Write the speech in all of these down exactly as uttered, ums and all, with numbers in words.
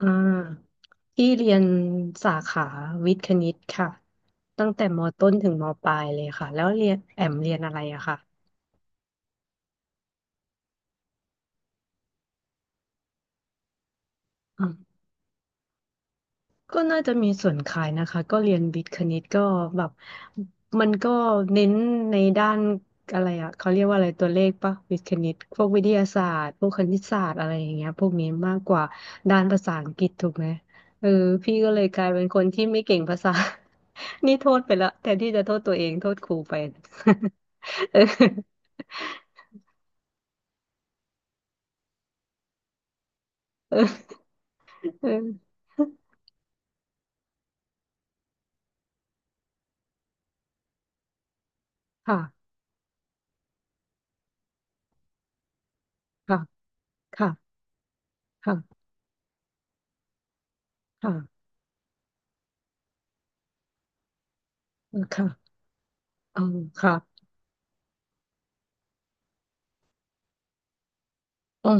อ่าที่เรียนสาขาวิทย์คณิตค่ะตั้งแต่มต้นถึงมปลายเลยค่ะแล้วเรียนแอมเรียนอะไรอะค่ะ ก็น่าจะมีส่วนคล้ายนะคะก็เรียนวิทย์คณิตก็แบบมันก็เน้นในด้านอะไรอะเขาเรียกว่าอะไรตัวเลขปะวิทย์คณิตพวกวิทยาศาสตร์พวกคณิตศาสตร์อะไรอย่างเงี้ยพวกนี้มากกว่าด้านภาษาอังกฤษถูกไหมเออพี่ก็เลยกลายเป็นคนที่ไม่เก่งภาษา นี่โทษไปละแทนที่จะโทษตัวเองโทษครูไป เออเออเออค่ะค่ะค่ะค่ะค่ะค่ะเออค่ะเออค่ะอ๋อ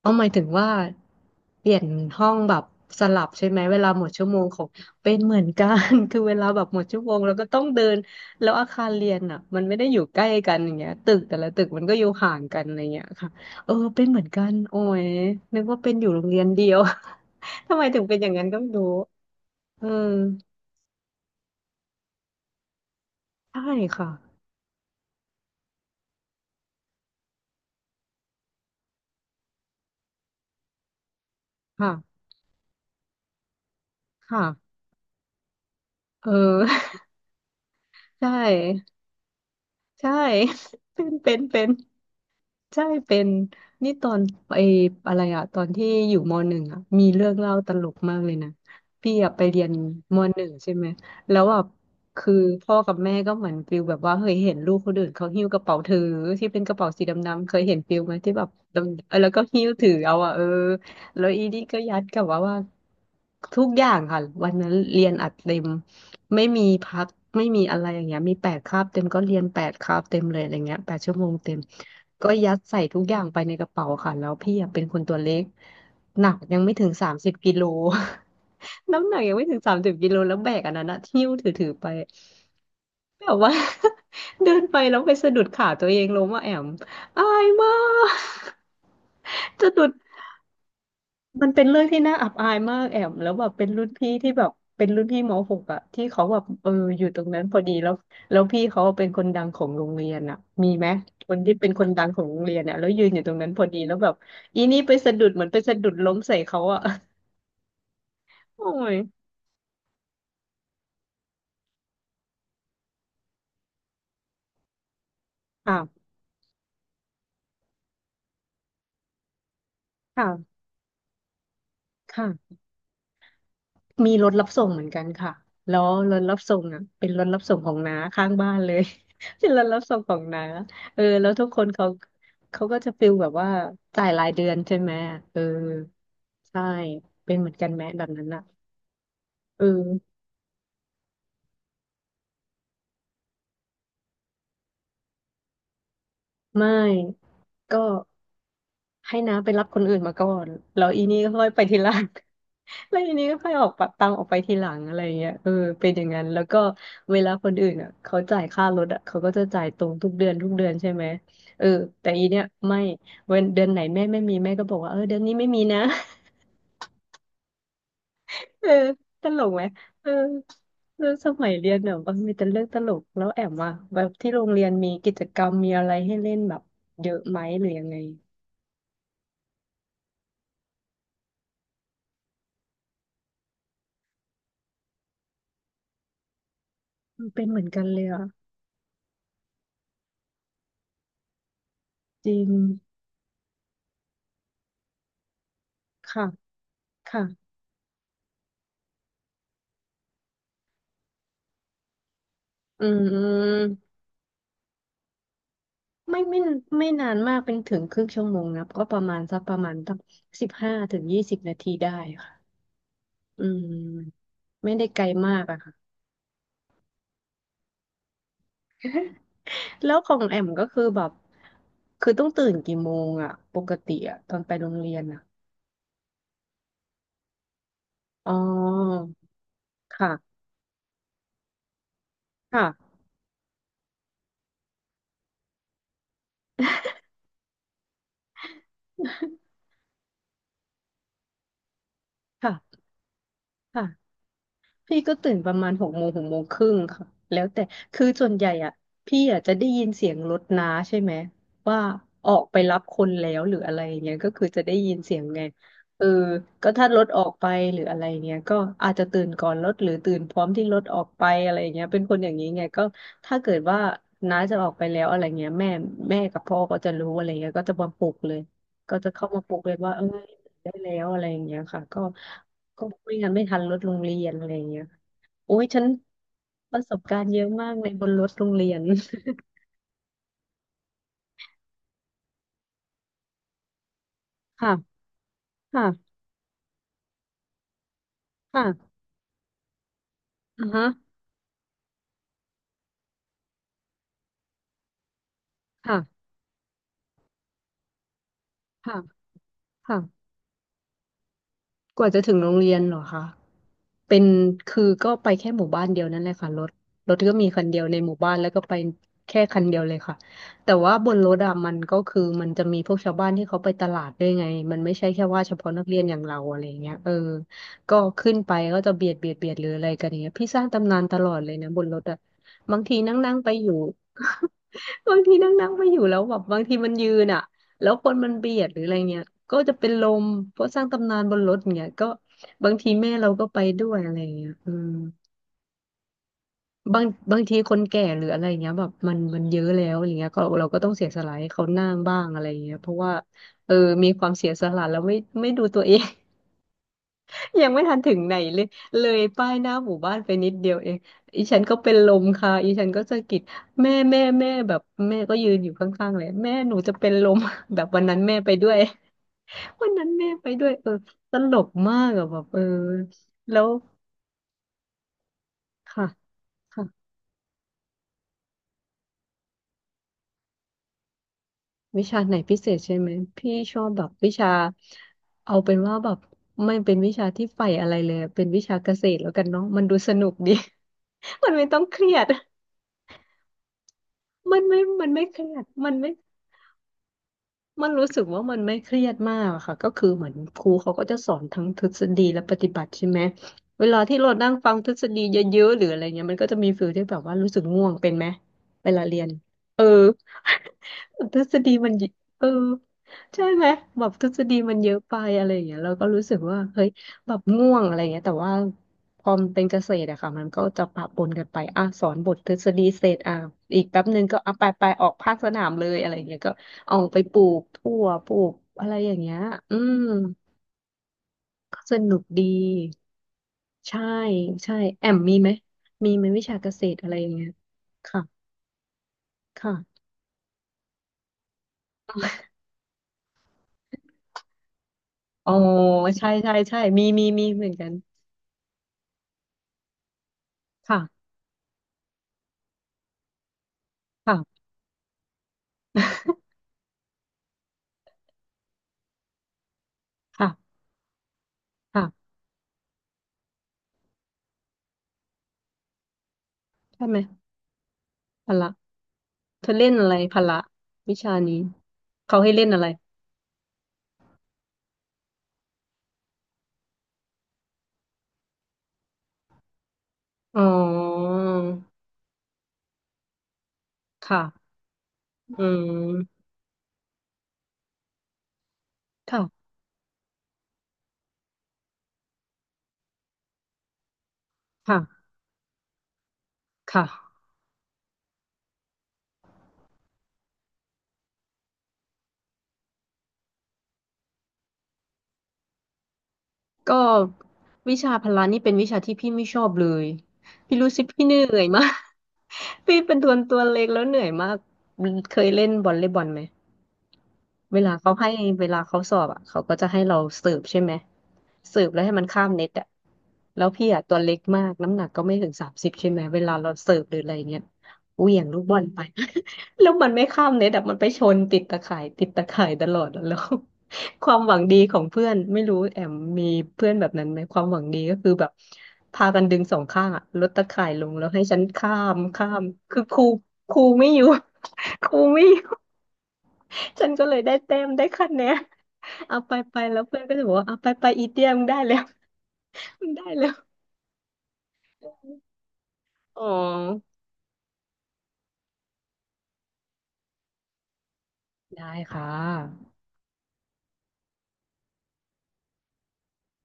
เอาหมายถึงว่าเปลี่ยนห้องแบบสลับใช่ไหมเวลาหมดชั่วโมงของเป็นเหมือนกัน คือเวลาแบบหมดชั่วโมงเราก็ต้องเดินแล้วอาคารเรียนอ่ะมันไม่ได้อยู่ใกล้กันอย่างเงี้ยตึกแต่ละตึกมันก็อยู่ห่างกันอะไรเงี้ยค่ะเออเป็นเหมือนกันโอ้ยนึกว่าเป็นอยู่โรงเรียนเดียว ทำไมถึงเป็นอย่างนั้นก็ไม่รู้เออใช่ค่ะค่ะค่ะเออ ใช่ใช่ เป็นเป็นเป็น ใช่เป็นนี่ตอนไออะไรอะตอนที่อยู่มหนึ่งอะมีเรื่องเล่าตลกมากเลยนะพี่อะไปเรียนมหนึ่งใช่ไหมแล้วอะคือพ่อกับแม่ก็เหมือนฟิลแบบว่าเคยเห็นลูกคนอื่นเขาหิ้วกระเป๋าถือที่เป็นกระเป๋าสีดำๆเคยเห็นฟิลไหมที่แบบดำเออแล้วก็หิ้วถือเอาอะเออแล้วอีนี่ก็ยัดกับว่าว่าทุกอย่างค่ะวันนั้นเรียนอัดเต็มไม่มีพักไม่มีอะไรอย่างเงี้ยมีแปดคาบเต็มก็เรียนแปดคาบเต็มเลยอะไรเงี้ยแปดชั่วโมงเต็ม ก็ยัดใส่ทุกอย่างไปในกระเป๋าค่ะแล้วพี่อะเป็นคนตัวเล็กหนักยังไม่ถึงสามสิบกิโล น้ำหนักยังไม่ถึงสามสิบกิโลแล้วแบกอันนั้นนะหิ้วถือถือไปแบบว่า เดินไปแล้วไปสะดุดขาตัวเองล้มอะแอมอายมาก จะดุด มันเป็นเรื่องที่น่าอับอายมากแอมแล้วแบบเป็นรุ่นพี่ที่แบบเป็นรุ่นพี่มหกอะที่เขาแบบเอออยู่ตรงนั้นพอดีแล้วแล้วพี่เขาเป็นคนดังของโรงเรียนอะมีไหมคนที่เป็นคนดังของโรงเรียนอะแล้วยืนอยู่ตรงนั้นพอดีแล้วแบบอีนี่ไปสะดุดเหมือนไปสะดุดล้มใส่เขาอะ โอ้ยค่ะค่ะค่ะ มีรถรับส่งเหมือนกันค่ะแล้วรถรับส่งอ่ะเป็นรถรับส่งของน้าข้างบ้านเลย เป็นรถรับส่งของน้าเออแล้วทุกคนเขาเขาก็จะฟิลแบบว่าจ่ายรายเดือนใช่ไหมเออใช่เป็นเหมือนกันแม้แบบนั้นอ่ะเออไม่ก็ ให้น้าไปรับคนอื่นมาก่อนแล้วอีนี่ก็ค่อยไปทีหลัง แล้วอีนี่ก็ค่อยออกปะตามออกไปทีหลังอะไรอย่างเงี้ยเออเป็นอย่างนั้นแล้วก็เวลาคนอื่นอ่ะเขาจ่ายค่ารถอ่ะเขาก็จะจ่ายตรงทุกเดือนทุกเดือนใช่ไหมเออแต่อีเนี่ยไม่เว้นเดือนไหนแม่ไม่มีแม่ก็บอกว่าเออเดือนนี้ไม่มีนะ เออตลกไหมเออเรื่องสมัยเรียนเนี่ยมันมีแต่เรื่องตลกแล้วแอมว่าแบบที่โรงเรียนมีกิจกรรมมีอะไรให้เล่นแบบเยอะไหมหรือยังไงเป็นเหมือนกันเลยอ่ะจริงค่ะ ค่ะ อืมไม่ไม่ไม่นานมากเป็นถึงครึ่งชั่วโมงนะก็ประมาณสักประมาณตั้งสิบห้าถึงยี่สิบนาทีได้ค่ะอืม ไม่ได้ไกลมากอะค่ะแล้วของแอมก็คือแบบ คือต้องตื่นกี่โมงอะปกติอะตอนไปโรงเรียนอะอ๋อ ค่ะ ค่ะ ค่ะค่ะ พี่ก็ตื่นประมาณหกโมงหกโมงครึ่งค่ะแล้วแต่คือส่วนใหญ่อ่ะพี่อ่ะจะได้ยินเสียงรถน้าใช่ไหมว่าออกไปรับคนแล้วหรืออะไรอย่างเงี้ยก็คือจะได้ยินเสียงไงเออก็ถ้ารถออกไปหรืออะไรเงี้ยก็อาจจะตื่นก่อนรถหรือตื่นพร้อมที่รถออกไปอะไรอย่างเงี้ยเป็นคนอย่างนี้ไงก็ถ้าเกิดว่าน้าจะออกไปแล้วอะไรเงี้ยแม่แม่กับพ่อก็จะรู้อะไรเงี้ยก็จะมาปลุกเลยก็จะเข้ามาปลุกเลยว่าเออได้แล้วอะไรอย่างเงี้ยค่ะก็ ก็ไม่งั้นไม่ทันรถโรงเรียนอะไรอย่างเงี้ยโอ้ยฉันประสบการณ์เยอะมากเลยบนรถโรงเรียน ค่ะค่ะค่ะอ่าฮะค่ะค่ะค่ะ กว่าจะถึงโรงเรียนเหรอคะเป็นคือก็ไปแค่หมู่บ้านเดียวนั่นแหละค่ะรถรถก็มีคันเดียวในหมู่บ้านแล้วก็ไปแค่คันเดียวเลยค่ะแต่ว่าบนรถอะมันก็คือมันจะมีพวกชาวบ้านที่เขาไปตลาดด้วยไงมันไม่ใช่แค่ว่าเฉพาะนักเรียนอย่างเราอะไรอย่างเงี้ยเออก็ขึ้นไปก็จะเบียดเบียดเบียดหรืออะไรกันอย่างเงี้ยพี่สร้างตำนานตลอดเลยนะบนรถอะบางทีนั่งนั่งไปอยู่ บางทีนั่งนั่งไปอยู่แล้วแบบบางทีมันยืนอะ แล้วคนมันเบียดหรืออะไรเงี้ยก็จะเป็นลมเพราะสร้างตำนานบนรถเงี้ยก็บางทีแม่เราก็ไปด้วยอะไรเงี้ยอืมบางบางทีคนแก่หรืออะไรเงี้ยแบบมันมันเยอะแล้วอย่างเงี้ยก็เราก็ต้องเสียสละให้เขานั่งบ้างอะไรเงี้ยเพราะว่าเออมีความเสียสละแล้วไม่ไม่ดูตัวเอง ยังไม่ทันถึงไหนเลยเลยป้ายหน้าหมู่บ้านไปนิดเดียวเองอีฉันก็เป็นลมค่ะอีฉันก็สะกิดแม่แม่แม่แบบแม่ก็ยืนอยู่ข้างๆเลยแม่หนูจะเป็นลม แบบวันนั้นแม่ไปด้วย วันนั้นแม่ไปด้วยเออตลกมากอะแบบเออแล้วค่ะค่ะวิชาไหนพิเศษใช่ไหมพี่ชอบแบบวิชาเอาเป็นว่าแบบไม่เป็นวิชาที่ใฝ่อะไรเลยเป็นวิชาเกษตรแล้วกันเนาะมันดูสนุกดี มันไม่ต้องเครียดมันไม่มันไม่เครียดมันไม่มันรู้สึกว่ามันไม่เครียดมากอะค่ะก็คือเหมือนครูเขาก็จะสอนทั้งทฤษฎีและปฏิบัติใช่ไหมเวลาที่เรานั่งฟังทฤษฎีเยอะๆหรืออะไรเงี้ยมันก็จะมีฟีลที่แบบว่ารู้สึกง่วงเป็นไหมเวลาเรียน ทฤษฎีมันเยเออใช่ไหมแบบทฤษฎีมันเยอะไปอะไรอย่างเงี้ยเราก็รู้สึกว่าเฮ้ยแบบง่วงอะไรเงี้ยแต่ว่าพอมันเป็นเกษตรอะค่ะมันก็จะปะปนกันไปอ่ะสอนบททฤษฎีเสร็จอ่ะอีกแป๊บนึงก็อ่ะไปไปออกภาคสนามเลยอะไรเงี้ยก็เอาไปปลูกถั่วปลูกอะไรอย่างเงี้ยอืมก็สนุกดีใช่ใช่แอมมีไหมมีไหมวิชาเกษตรอะไรอย่างเงี้ยค่ะค่ะอ๋อใช่ใช่ใช่มีมีมีเหมือนกันค่ะค่ะ ค่ะค่ะใช่ไหมพละเธอเล่นอะไรพละวิชานี้เขาให้เล่นอะไรอ๋อค่ะอืมค่ะค่ะค่ะก็วิชาพละนี่เป็นวิชาที่พี่ไม่ชอบเลยพี่รู้สึกพี่เหนื่อยมาก พี่เป็นตัวตัวเล็กแล้วเหนื่อยมากเคยเล่นบอลเล่บอลไหม เวลาเขาให้เวลาเขาสอบอ่ะเขาก็จะให้เราสืบใช่ไหมสืบแล้วให้มันข้ามเน็ตอ่ะแล้วพี่อ่ะตัวเล็กมากน้ำหนักก็ไม่ถึงสามสิบใช่ไหมเวลาเราสืบหรืออะไรเงี้ยเหวี่ยงลูกบอลไป แล้วมันไม่ข้ามเน็ตอ่ะมันไปชนติดตะข่ายติดตะข่ายตลอดอะแล้ว ความหวังดีของเพื่อนไม่รู้แอมมีเพื่อนแบบนั้นไหมความหวังดีก็คือแบบพากันดึงสองข้างอ่ะลดตะข่ายลงแล้วให้ฉันข้ามข้ามคือครูครูไม่อยู่ ครูไม่อยู่ ฉันก็เลยได้แต็มได้คะแนนเอาไปไปแล้วเพื่อนก็จะบอกว่าเอาไปไปอีเตี้ยมึงได้แล้ว มึงได้แล้วอ๋อได้ค่ะ